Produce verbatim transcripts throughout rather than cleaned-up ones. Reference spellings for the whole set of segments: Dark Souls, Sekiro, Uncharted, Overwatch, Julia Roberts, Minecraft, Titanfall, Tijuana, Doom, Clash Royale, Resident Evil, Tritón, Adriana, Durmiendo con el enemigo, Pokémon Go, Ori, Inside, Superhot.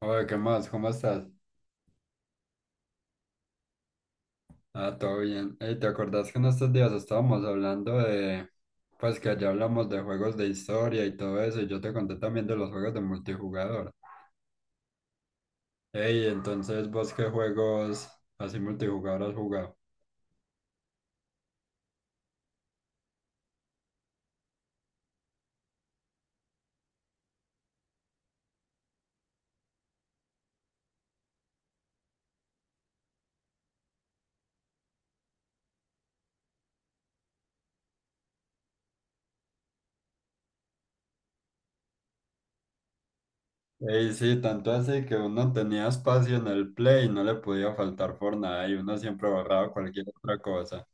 Oye, ¿qué más? ¿Cómo estás? Ah, todo bien. Ey, ¿te acordás que en estos días estábamos hablando de, pues que allá hablamos de juegos de historia y todo eso, y yo te conté también de los juegos de multijugador? Ey, entonces, ¿vos qué juegos así multijugador has jugado? Ey, sí, tanto así que uno tenía espacio en el Play y no le podía faltar por nada y uno siempre borraba cualquier otra cosa.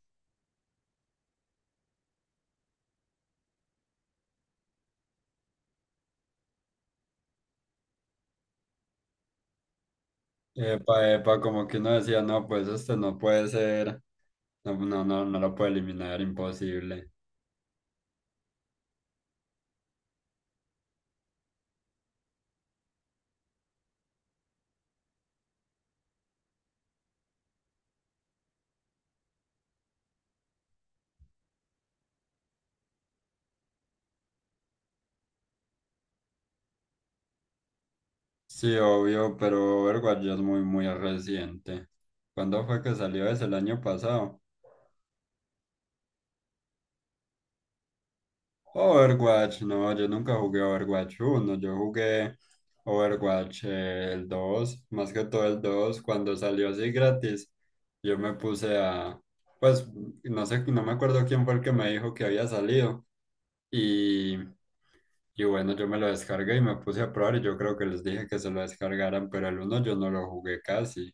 Epa, epa, como que uno decía, no, pues este no puede ser, no, no, no, no lo puede eliminar, imposible. Sí, obvio, pero Overwatch ya es muy, muy reciente. ¿Cuándo fue que salió ese? ¿El año pasado? Overwatch, no, yo nunca jugué Overwatch uno, yo jugué Overwatch eh, el dos, más que todo el dos, cuando salió así gratis, yo me puse a, pues, no sé, no me acuerdo quién fue el que me dijo que había salido, y, y bueno, yo me lo descargué y me puse a probar, y yo creo que les dije que se lo descargaran, pero el uno yo no lo jugué casi.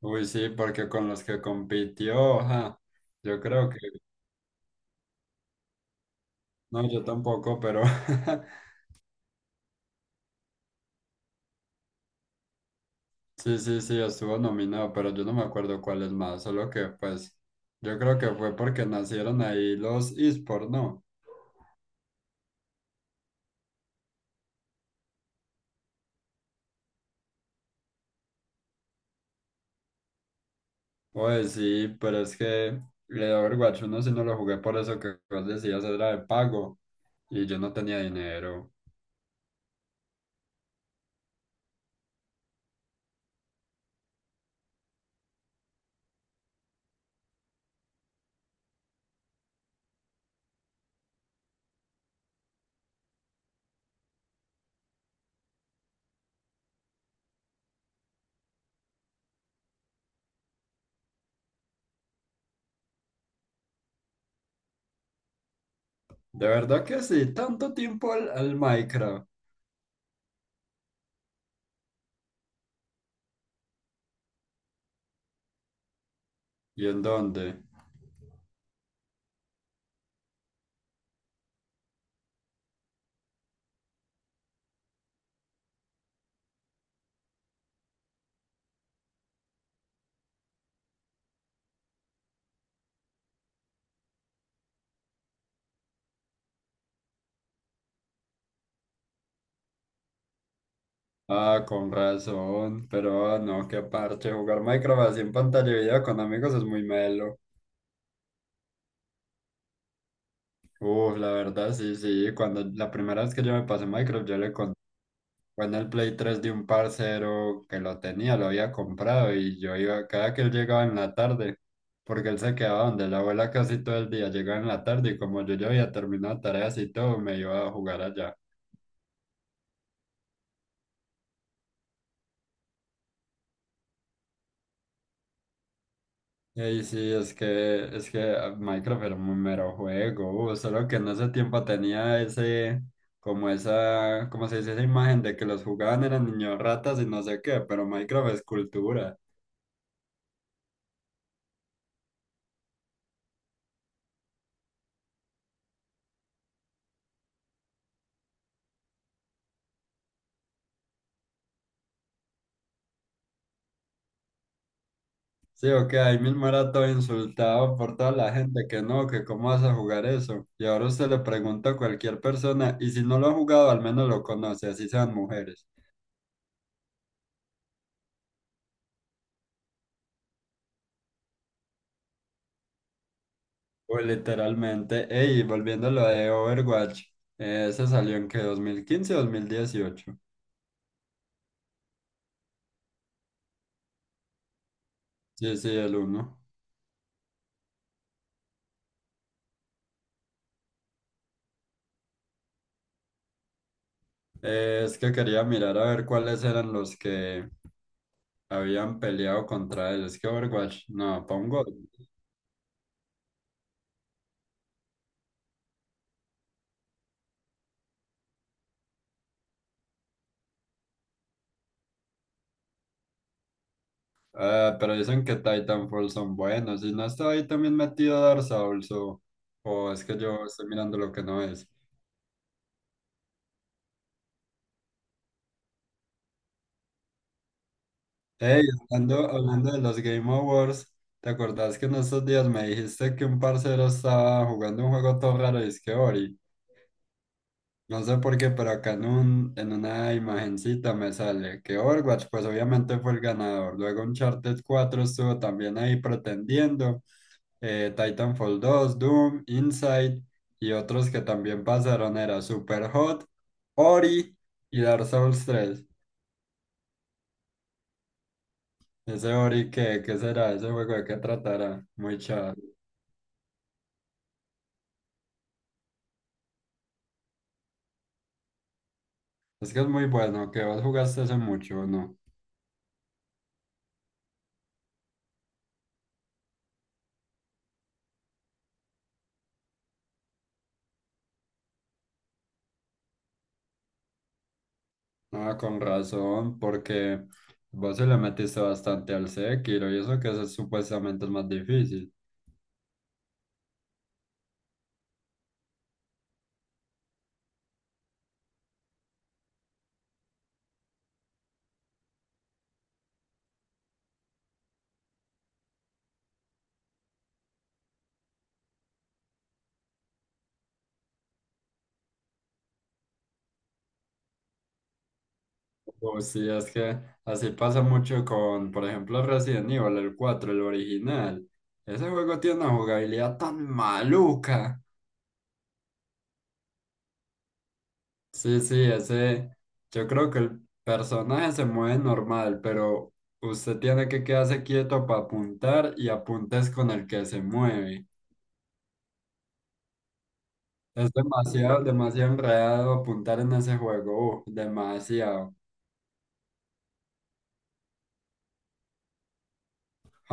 Uy, sí, porque con los que compitió, ajá, yo creo que, no, yo tampoco, pero sí, sí, sí, estuvo nominado, pero yo no me acuerdo cuál es más, solo que pues yo creo que fue porque nacieron ahí los esports, ¿no? Oye, sí, pero es que el Overwatch uno sí no lo jugué por eso que vos decías, era de pago y yo no tenía dinero. De verdad que sí, tanto tiempo al, al Minecraft. ¿Y en dónde? Ah, con razón, pero ah, no, qué parche, jugar Minecraft así en pantalla de video con amigos es muy melo. Uf, la verdad, sí, sí, cuando la primera vez que yo me pasé Minecraft, yo le conté, fue en el Play tres de un parcero que lo tenía, lo había comprado y yo iba, cada que él llegaba en la tarde, porque él se quedaba donde la abuela casi todo el día, llegaba en la tarde y como yo ya había terminado tareas y todo, me iba a jugar allá. Ey, sí, es que, es que ah, Minecraft era un mero juego, uh, solo que en ese tiempo tenía ese, como esa, como se dice, esa imagen de que los jugaban eran niños ratas y no sé qué, pero Minecraft es cultura. Sí, o que ahí mismo era todo insultado por toda la gente que no, que cómo vas a jugar eso. Y ahora usted le pregunta a cualquier persona, y si no lo ha jugado, al menos lo conoce, así sean mujeres. O literalmente, ey, volviendo a lo de Overwatch, eh, ese salió en que dos mil quince, dos mil dieciocho. Sí, sí, el uno. Eh, es que quería mirar a ver cuáles eran los que habían peleado contra él. Es que Overwatch, no, pongo. Ah, pero dicen que Titanfall son buenos. Y no está ahí también metido Dark Souls, o, o es que yo estoy mirando lo que no es. Hey, hablando, hablando de los Game Awards, ¿te acordás que en estos días me dijiste que un parcero estaba jugando un juego todo raro y es que Ori? No sé por qué, pero acá en, un- en una imagencita me sale que Overwatch, pues obviamente fue el ganador. Luego Uncharted cuatro estuvo también ahí pretendiendo. Eh, Titanfall dos, Doom, Inside y otros que también pasaron era Superhot, Ori y Dark Souls tres. Ese Ori, ¿qué, qué será? ¿Ese juego de qué tratará? Muy chaval. Es que es muy bueno, que vos jugaste hace mucho, ¿o no? Ah, con razón, porque vos se le metiste bastante al Sekiro y eso que es supuestamente el más difícil. O sí, es que así pasa mucho con, por ejemplo, Resident Evil, el cuatro, el original. Ese juego tiene una jugabilidad tan maluca. Sí, sí, ese, yo creo que el personaje se mueve normal, pero usted tiene que quedarse quieto para apuntar y apuntes con el que se mueve. Es demasiado, demasiado enredado apuntar en ese juego. Uf, demasiado.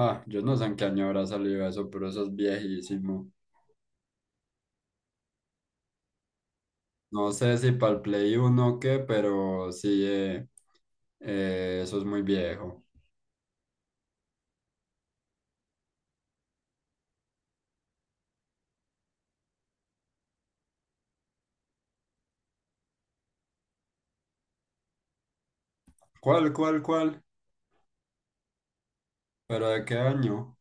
Ah, yo no sé en qué año habrá salido eso, pero eso es viejísimo. No sé si para el Play uno o qué, pero sí, eh, eh, eso es muy viejo. ¿Cuál, cuál, cuál? ¿Pero de qué año?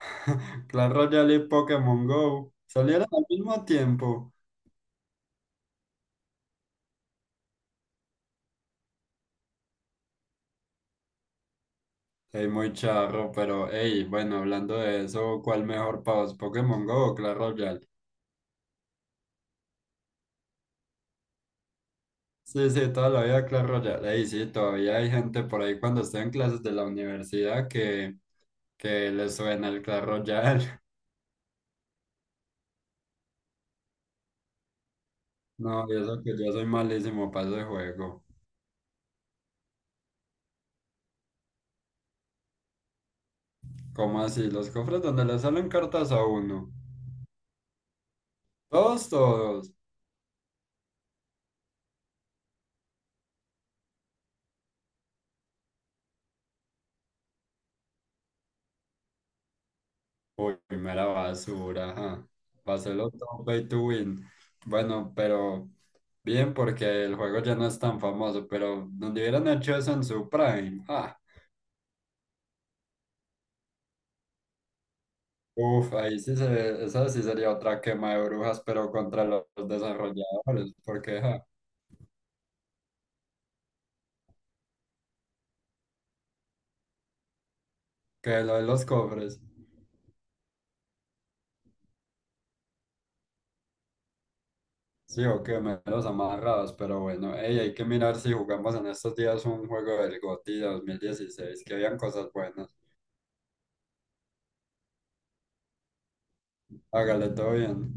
Clash Royale y Pokémon Go salieron al mismo tiempo. Es muy charro, pero hey, bueno, hablando de eso, ¿cuál mejor para vos, Pokémon Go o Clash Royale? Sí, sí, toda la vida Clash Royale. Y sí, todavía hay gente por ahí cuando está en clases de la universidad que, que le suena el Clash Royale. No, y eso que yo soy malísimo para ese juego. ¿Cómo así? Los cofres donde le salen cartas a uno. Todos, todos. Uy, primera basura, ajá. Paselo todo pay to win. Bueno, pero bien, porque el juego ya no es tan famoso, pero donde hubieran hecho eso en su prime. Ah, uf, ahí sí se, esa sí sería otra quema de brujas, pero contra los desarrolladores, porque ja, que lo de los cofres, sí, o que me los amarrados, pero bueno, ey, hay que mirar si jugamos en estos días un juego del GOTY dos mil dieciséis, que habían cosas buenas. Hágale todo bien.